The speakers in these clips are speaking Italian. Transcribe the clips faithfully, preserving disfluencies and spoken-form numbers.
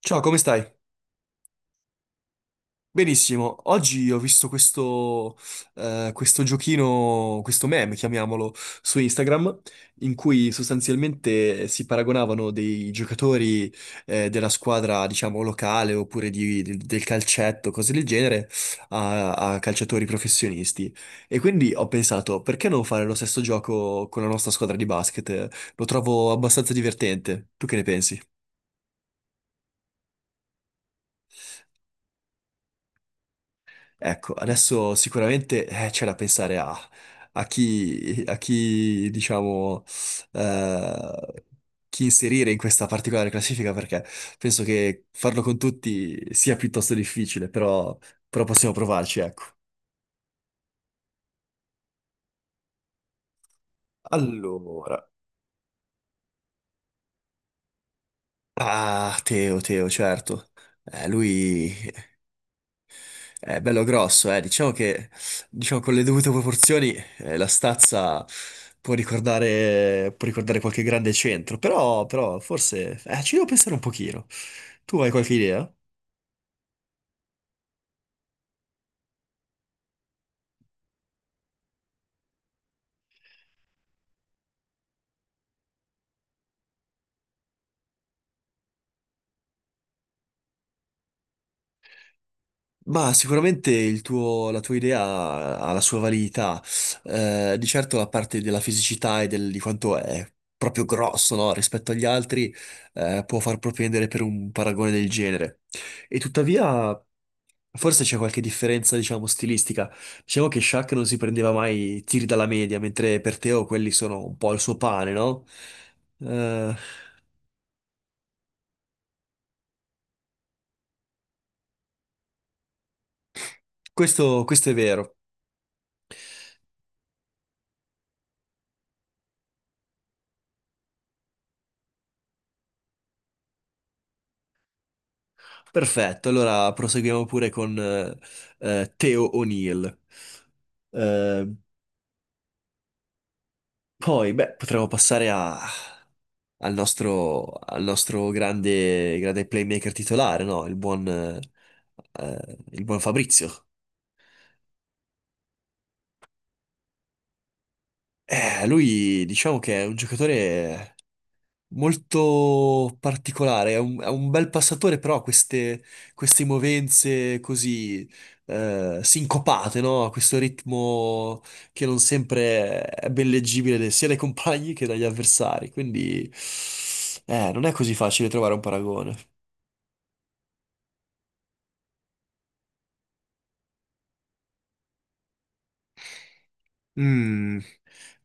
Ciao, come stai? Benissimo. Oggi ho visto questo, eh, questo giochino, questo meme, chiamiamolo, su Instagram, in cui sostanzialmente si paragonavano dei giocatori, eh, della squadra, diciamo, locale oppure di- del del calcetto, cose del genere, a, a calciatori professionisti. E quindi ho pensato, perché non fare lo stesso gioco con la nostra squadra di basket? Lo trovo abbastanza divertente. Tu che ne pensi? Ecco, adesso sicuramente eh, c'è da pensare a, a chi, a chi, diciamo, eh, chi inserire in questa particolare classifica, perché penso che farlo con tutti sia piuttosto difficile, però, però possiamo provarci, ecco. Allora, ah, Teo, Teo, certo. Eh, lui è bello grosso, eh. Diciamo che diciamo, con le dovute proporzioni eh, la stazza può ricordare, può ricordare qualche grande centro, però, però forse eh, ci devo pensare un pochino. Tu hai qualche idea? Ma sicuramente il tuo- la tua idea ha ha la sua validità. Eh, di certo la parte della fisicità e del- di quanto è proprio grosso, no, rispetto agli altri, eh, può far propendere per un paragone del genere. E tuttavia forse c'è qualche differenza, diciamo, stilistica. Diciamo che Shaq non si prendeva mai tiri dalla media, mentre per Teo quelli sono un po' il suo pane, no? Eh, questo questo è vero. Perfetto, allora proseguiamo pure con eh, eh, Theo O'Neill. Eh, poi, beh, potremmo passare a- al nostro, al nostro grande, grande playmaker titolare, no? Il buon, eh, eh, il buon Fabrizio. Eh, lui diciamo che è un giocatore molto particolare, è un, è un bel passatore, però ha queste, queste movenze così eh, sincopate, no? A questo ritmo che non sempre è ben leggibile sia dai compagni che dagli avversari, quindi eh, non è così facile trovare un paragone. Mm.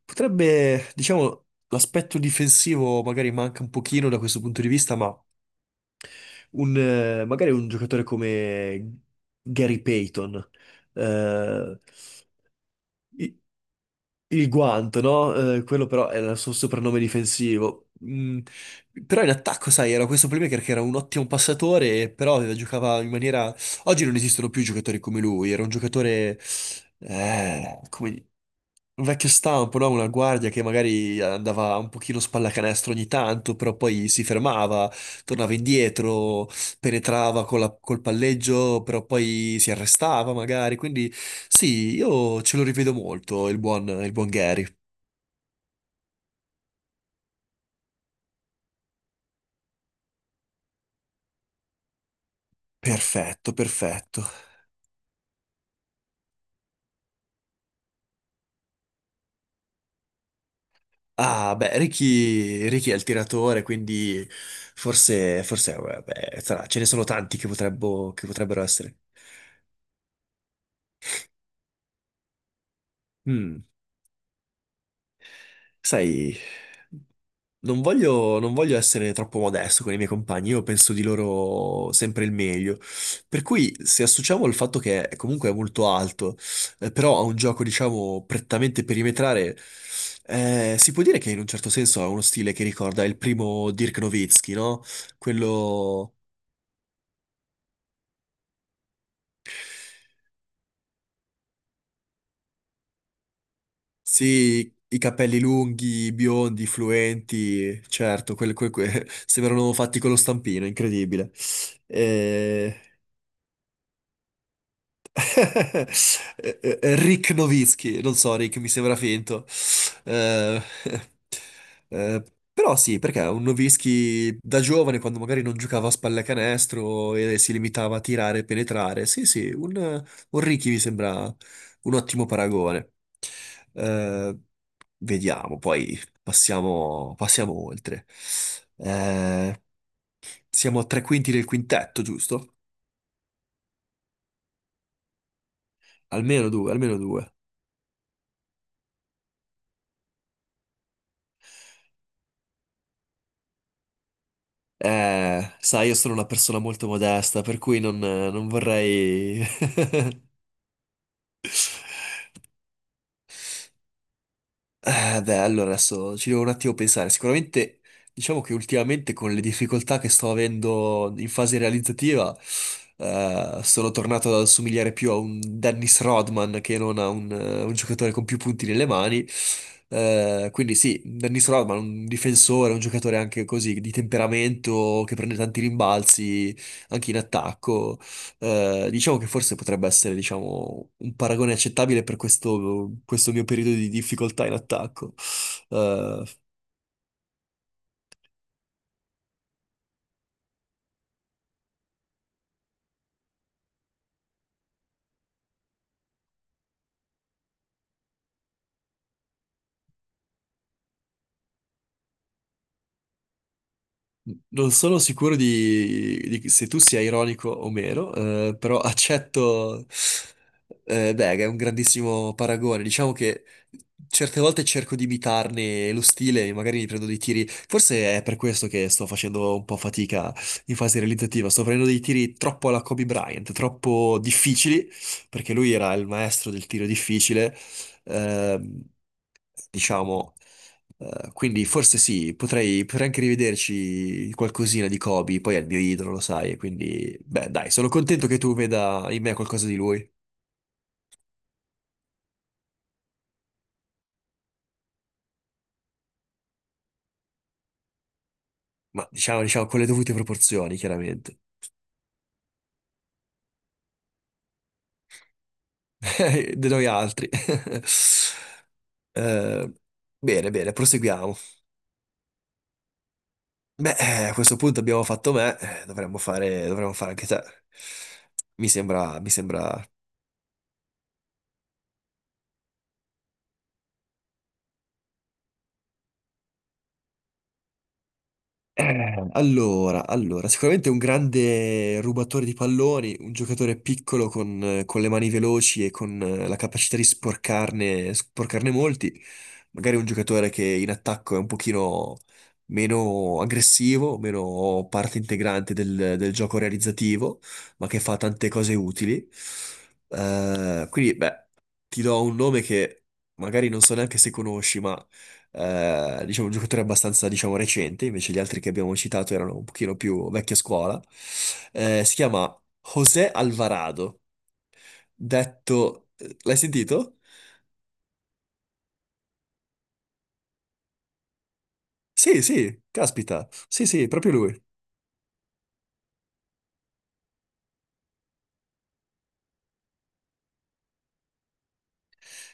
Potrebbe, diciamo, l'aspetto difensivo magari manca un pochino da questo punto di vista, ma... un, eh, magari un giocatore come Gary Payton, eh, i- il guanto, no? Eh, quello però era il suo soprannome difensivo. Mm, però in attacco, sai, era questo playmaker che era un ottimo passatore, però aveva- giocava in maniera... Oggi non esistono più giocatori come lui, era un giocatore... eh, come, un vecchio stampo, no? Una guardia che magari andava un pochino spallacanestro ogni tanto, però poi si fermava, tornava indietro, penetrava con la- col palleggio, però poi si arrestava magari. Quindi sì, io ce lo rivedo molto, il buon, il buon Gary. Perfetto, perfetto. Ah, beh, Ricky, Ricky è il tiratore, quindi forse, forse, vabbè, sarà- ce ne sono tanti che potrebbe- che potrebbero essere. Mm, sai. Non voglio, non voglio essere troppo modesto con i miei compagni, io penso di loro sempre il meglio. Per cui, se associamo il fatto che comunque è molto alto, eh, però a un gioco, diciamo, prettamente perimetrale, eh, si può dire che in un certo senso ha uno stile che ricorda il primo Dirk Nowitzki, no? Quello... Sì, i capelli lunghi, biondi, fluenti, certo, quel- quel- que- sembrano fatti con lo stampino, incredibile. Eh, Eh, eh, Rick Nowitzki, non so, Rick, mi sembra finto. Eh, eh, però sì, perché un Nowitzki da giovane, quando magari non giocava a spallacanestro e si limitava a tirare e penetrare, sì, sì, un, un Ricky mi sembra un ottimo paragone. Eh, vediamo, poi passiamo, passiamo oltre. Eh, siamo a tre quinti del quintetto, giusto? Almeno due, almeno due. Eh, sai, io sono una persona molto modesta, per cui non, non vorrei... Eh, beh, allora adesso ci devo un attimo pensare. Sicuramente, diciamo che ultimamente con le difficoltà che sto avendo in fase realizzativa, eh, sono tornato ad assomigliare più a un Dennis Rodman che non a un, eh, un giocatore con più punti nelle mani. Eh, quindi sì, Dennis Rodman, un difensore, un giocatore anche così di temperamento che prende tanti rimbalzi anche in attacco. Eh, diciamo che forse potrebbe essere, diciamo, un paragone accettabile per questo, questo mio periodo di difficoltà in attacco. Eh, Non sono sicuro di, di- se tu sia ironico o meno, eh, però accetto. Eh, beh, è un grandissimo paragone. Diciamo che certe volte cerco di imitarne lo stile, e magari mi prendo dei tiri. Forse è per questo che sto facendo un po' fatica in fase realizzativa. Sto prendendo dei tiri troppo alla Kobe Bryant, troppo difficili, perché lui era il maestro del tiro difficile. Ehm, diciamo. Eh, quindi forse sì, potrei, potrei anche rivederci qualcosina di Kobe, poi è il mio idolo, lo sai, quindi beh, dai, sono contento che tu veda in me qualcosa di lui, ma diciamo, diciamo con le dovute proporzioni, chiaramente, di noi altri. Eh, bene, bene, proseguiamo. Beh, eh, a questo punto abbiamo fatto me, eh, dovremmo fare, dovremmo fare anche te. Mi sembra, mi sembra. Eh, Allora, allora, sicuramente un grande rubatore di palloni, un giocatore piccolo con, eh, con le mani veloci e con eh, la capacità di sporcarne, sporcarne molti, magari un giocatore che in attacco è un pochino meno aggressivo, meno parte integrante del, del gioco realizzativo, ma che fa tante cose utili. Eh, quindi, beh, ti do un nome che magari non so neanche se conosci, ma eh, diciamo, un giocatore abbastanza, diciamo, recente, invece gli altri che abbiamo citato erano un pochino più vecchia scuola. Eh, si chiama José Alvarado, detto... eh, l'hai sentito? Sì, sì, caspita. Sì, sì, proprio lui.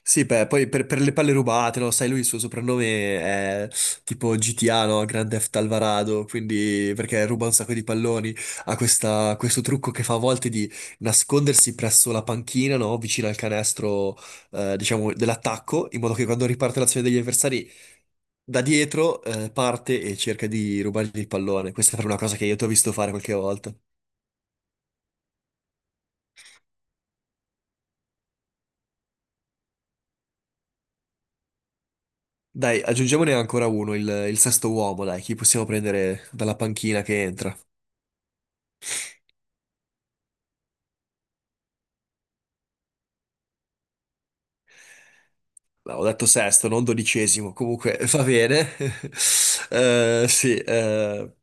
Sì, beh, poi per, per le palle rubate, lo sai, lui il suo soprannome è tipo G T A, no? Grand Theft Alvarado, quindi perché ruba un sacco di palloni, ha questa- questo trucco che fa a volte di nascondersi presso la panchina, no? Vicino al canestro, eh, diciamo, dell'attacco, in modo che quando riparte l'azione degli avversari, da dietro, eh, parte e cerca di rubargli il pallone. Questa è una cosa che io ti ho visto fare qualche volta. Dai, aggiungiamone ancora uno, il, il sesto uomo, dai, chi possiamo prendere dalla panchina che entra? No, ho detto sesto, non dodicesimo, comunque va bene. Eh, sì, eh,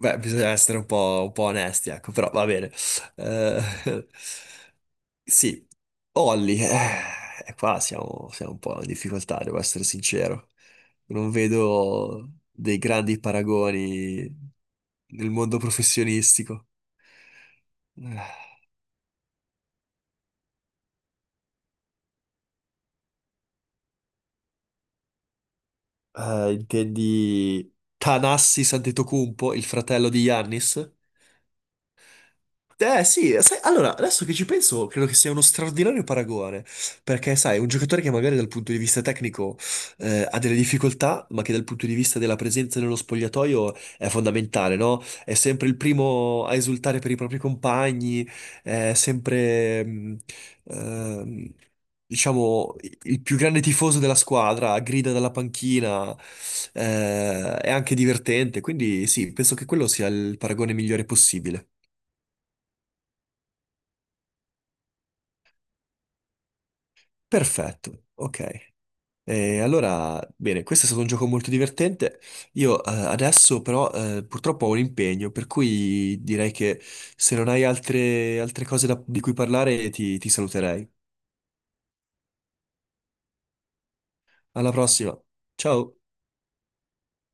beh, bisogna essere un po', un po' onesti, ecco, però va bene. Eh, sì, Olli, eh, e qua siamo, siamo un po' in difficoltà, devo essere sincero. Non vedo dei grandi paragoni nel mondo professionistico. Eh, intendi Tanassi Antetokounmpo, il fratello di Yannis? Eh sì, eh, sai, allora, adesso che ci penso, credo che sia uno straordinario paragone, perché sai, un giocatore che magari dal punto di vista tecnico eh, ha delle difficoltà, ma che dal punto di vista della presenza nello spogliatoio è fondamentale, no? È sempre il primo a esultare per i propri compagni, è sempre, mh, ehm, diciamo, il più grande tifoso della squadra, grida dalla panchina, eh, è anche divertente, quindi sì, penso che quello sia il paragone migliore possibile. Perfetto, ok. E allora, bene, questo è stato un gioco molto divertente. Io eh, adesso però eh, purtroppo ho un impegno, per cui direi che se non hai altre, altre cose da- di cui parlare ti ti saluterei. Alla prossima. Ciao.